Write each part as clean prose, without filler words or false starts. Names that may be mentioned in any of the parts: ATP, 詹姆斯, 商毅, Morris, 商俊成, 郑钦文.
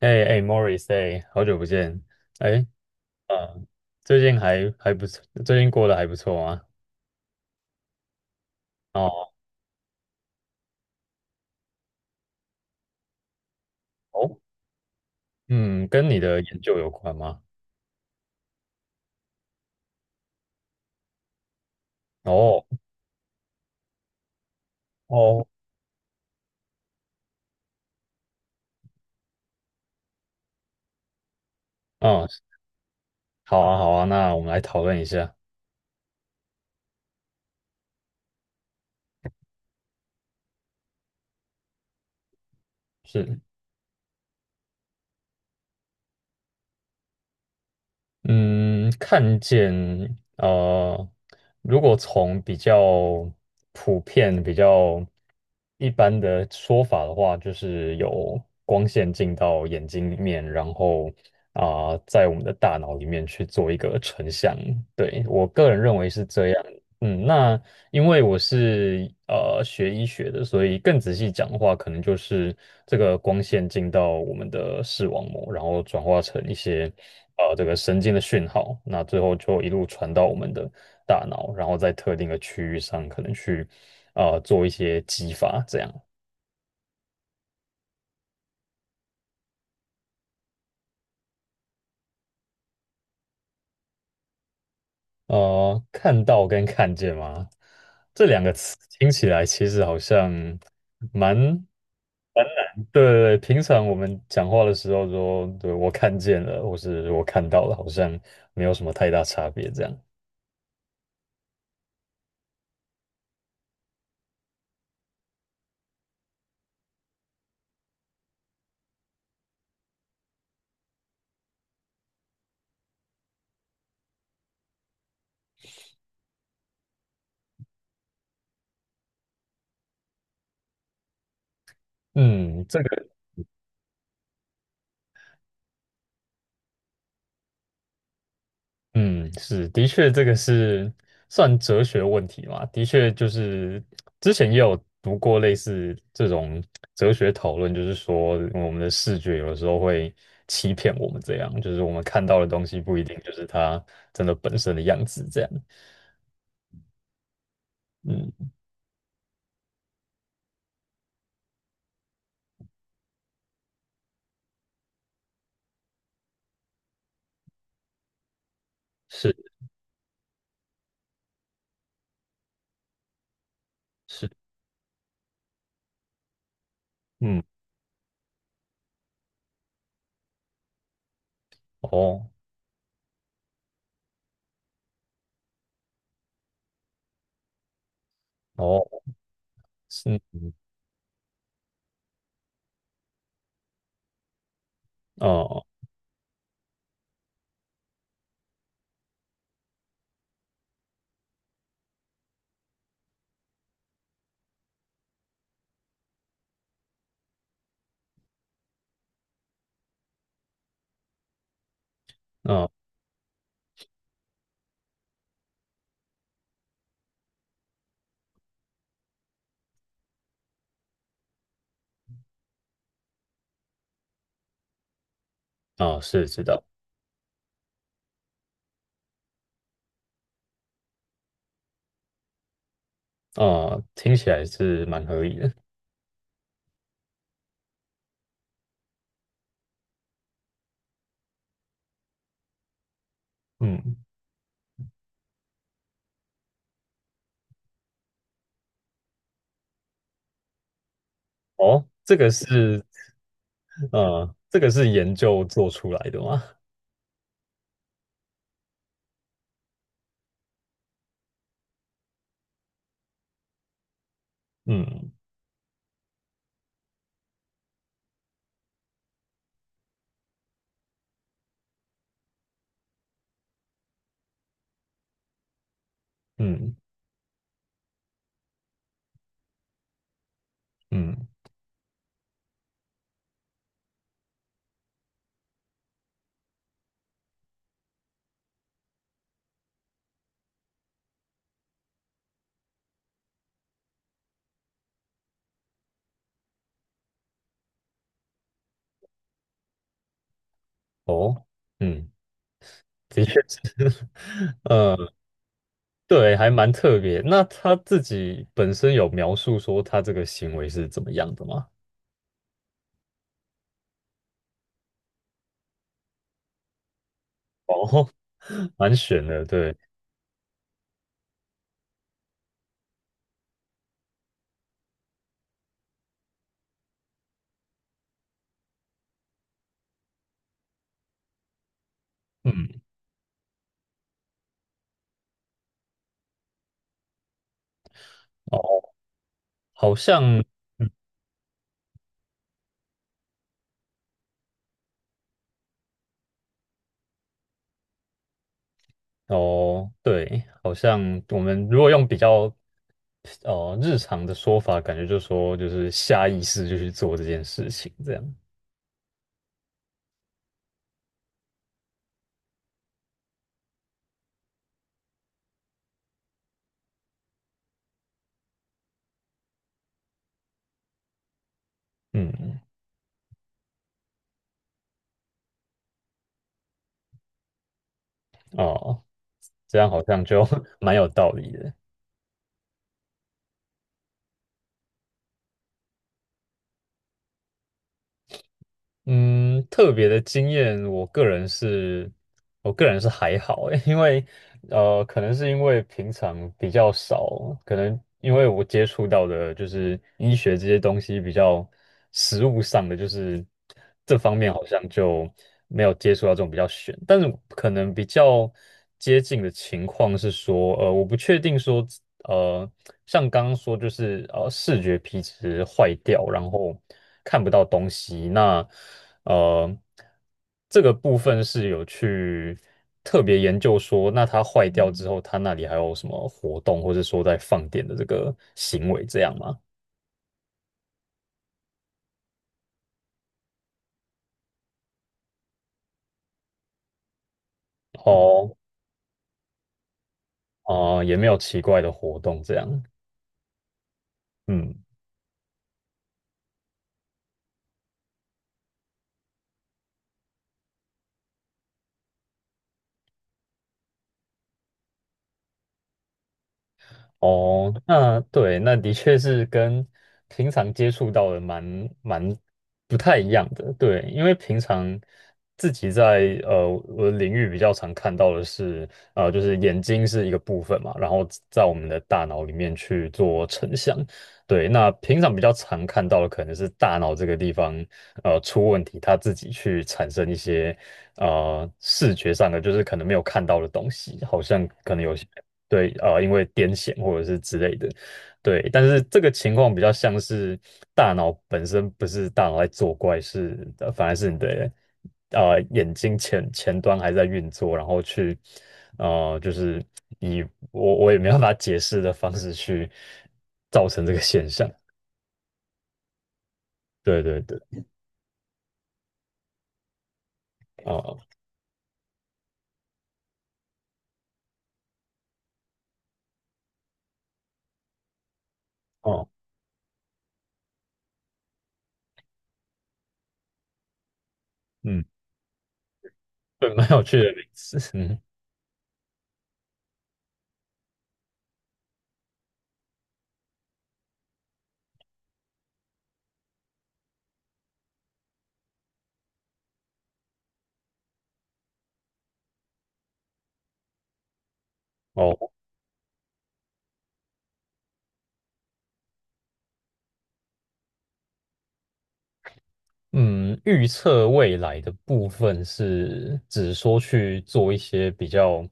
哎哎，Morris，哎，好久不见，哎，呃，最近还不错，最近过得还不错吗？哦哦，嗯，跟你的研究有关吗？哦哦，嗯，好啊好啊，那我们来讨论一下，是，嗯，看见，呃，如果从比较普遍、比较一般的说法的话，就是有光线进到眼睛里面，然后在我们的大脑里面去做一个成像。对，我个人认为是这样。嗯，那因为我是学医学的，所以更仔细讲的话，可能就是这个光线进到我们的视网膜，然后转化成一些这个神经的讯号，那最后就一路传到我们的大脑，然后在特定的区域上可能去做一些激发，这样。看到跟看见吗？这两个词听起来其实好像蛮对对对，平常我们讲话的时候说，对，我看见了，或是我看到了，好像没有什么太大差别这样。嗯，这个，嗯，是，的确，这个是算哲学问题嘛？的确，就是之前也有读过类似这种哲学讨论，就是说我们的视觉有的时候会欺骗我们，这样，就是我们看到的东西不一定就是它真的本身的样子，这样。嗯，是是，嗯，哦哦，是。嗯哦，哦，哦，是知道，哦，听起来是蛮合理的，嗯，哦，这个是，这个是研究做出来的吗？嗯嗯嗯，哦，嗯，的确是，呃，对，还蛮特别。那他自己本身有描述说他这个行为是怎么样的吗？哦，蛮悬的，对，嗯，哦，好像。嗯哦，对，好像我们如果用比较哦，日常的说法感觉就说就是下意识就去做这件事情，这样，嗯，哦，这样好像就 蛮有道理的。嗯，特别的经验，我个人是，我个人是还好欸，因为可能是因为平常比较少，可能因为我接触到的就是医学这些东西比较实物上的，就是这方面好像就没有接触到这种比较悬，但是可能比较接近的情况是说，我不确定说，呃，像刚刚说就是视觉皮质坏掉，然后看不到东西，那。呃，这个部分是有去特别研究说，那它坏掉之后，它那里还有什么活动，或者说在放电的这个行为这样吗？哦，哦、也没有奇怪的活动这样，嗯。哦，那对，那的确是跟平常接触到的蛮不太一样的，对，因为平常自己在我的领域比较常看到的是，就是眼睛是一个部分嘛，然后在我们的大脑里面去做成像，对，那平常比较常看到的可能是大脑这个地方出问题，它自己去产生一些视觉上的，就是可能没有看到的东西，好像。可能有些。对，因为癫痫或者是之类的，对，但是这个情况比较像是大脑本身不是大脑在作怪，是反而是你的眼睛前端还在运作，然后去就是以我也没办法解释的方式去造成这个现象，对对对，哦、哦，嗯，对，蛮有趣的名词，嗯。哦。嗯，预测未来的部分是指说去做一些比较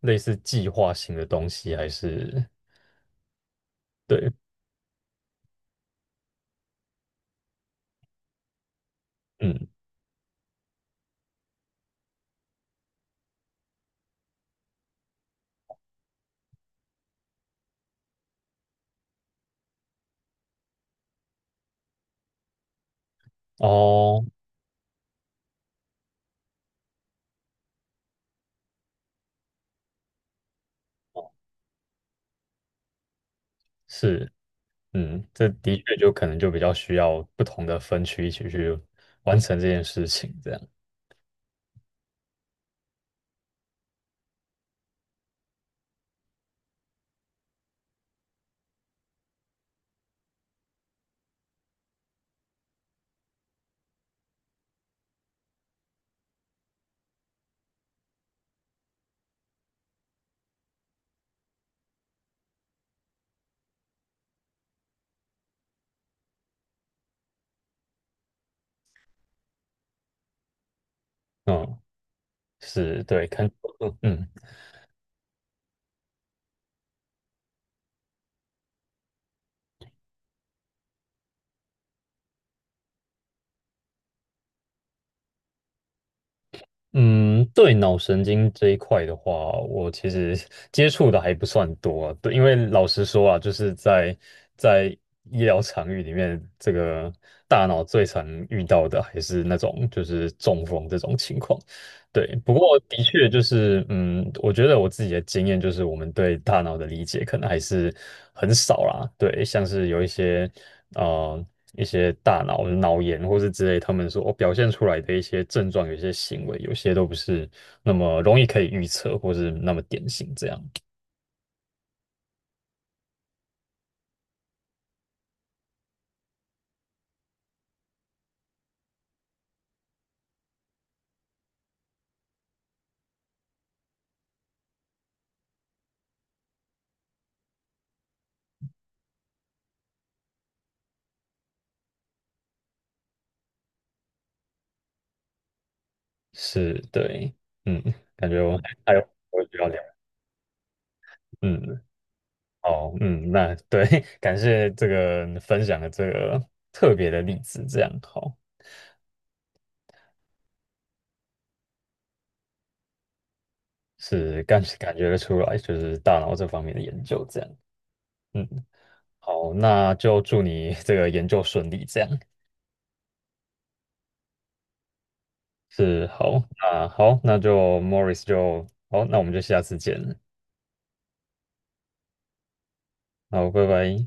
类似计划性的东西，还是对，嗯，哦，是，嗯，这的确就可能就比较需要不同的分区一起去完成这件事情，这样，嗯，是对，看，嗯。嗯，对脑神经这一块的话，我其实 接触的还不算多啊对，因为老实说啊，就是在在医疗场域里面，这个大脑最常遇到的还是那种就是中风这种情况。对，不过的确就是，嗯，我觉得我自己的经验就是，我们对大脑的理解可能还是很少啦。对，像是有一些，呃，一些大脑脑炎或是之类，他们说哦表现出来的一些症状，有些行为，有些都不是那么容易可以预测，或是那么典型。这样是对，嗯，感觉我们还有我需要聊，嗯，哦，嗯，那对，感谢这个分享的这个特别的例子，这样好。是感觉得出来，就是大脑这方面的研究这样。嗯，好，那就祝你这个研究顺利，这样是好。那好，那就 Morris 就好，那我们就下次见了，好，拜拜。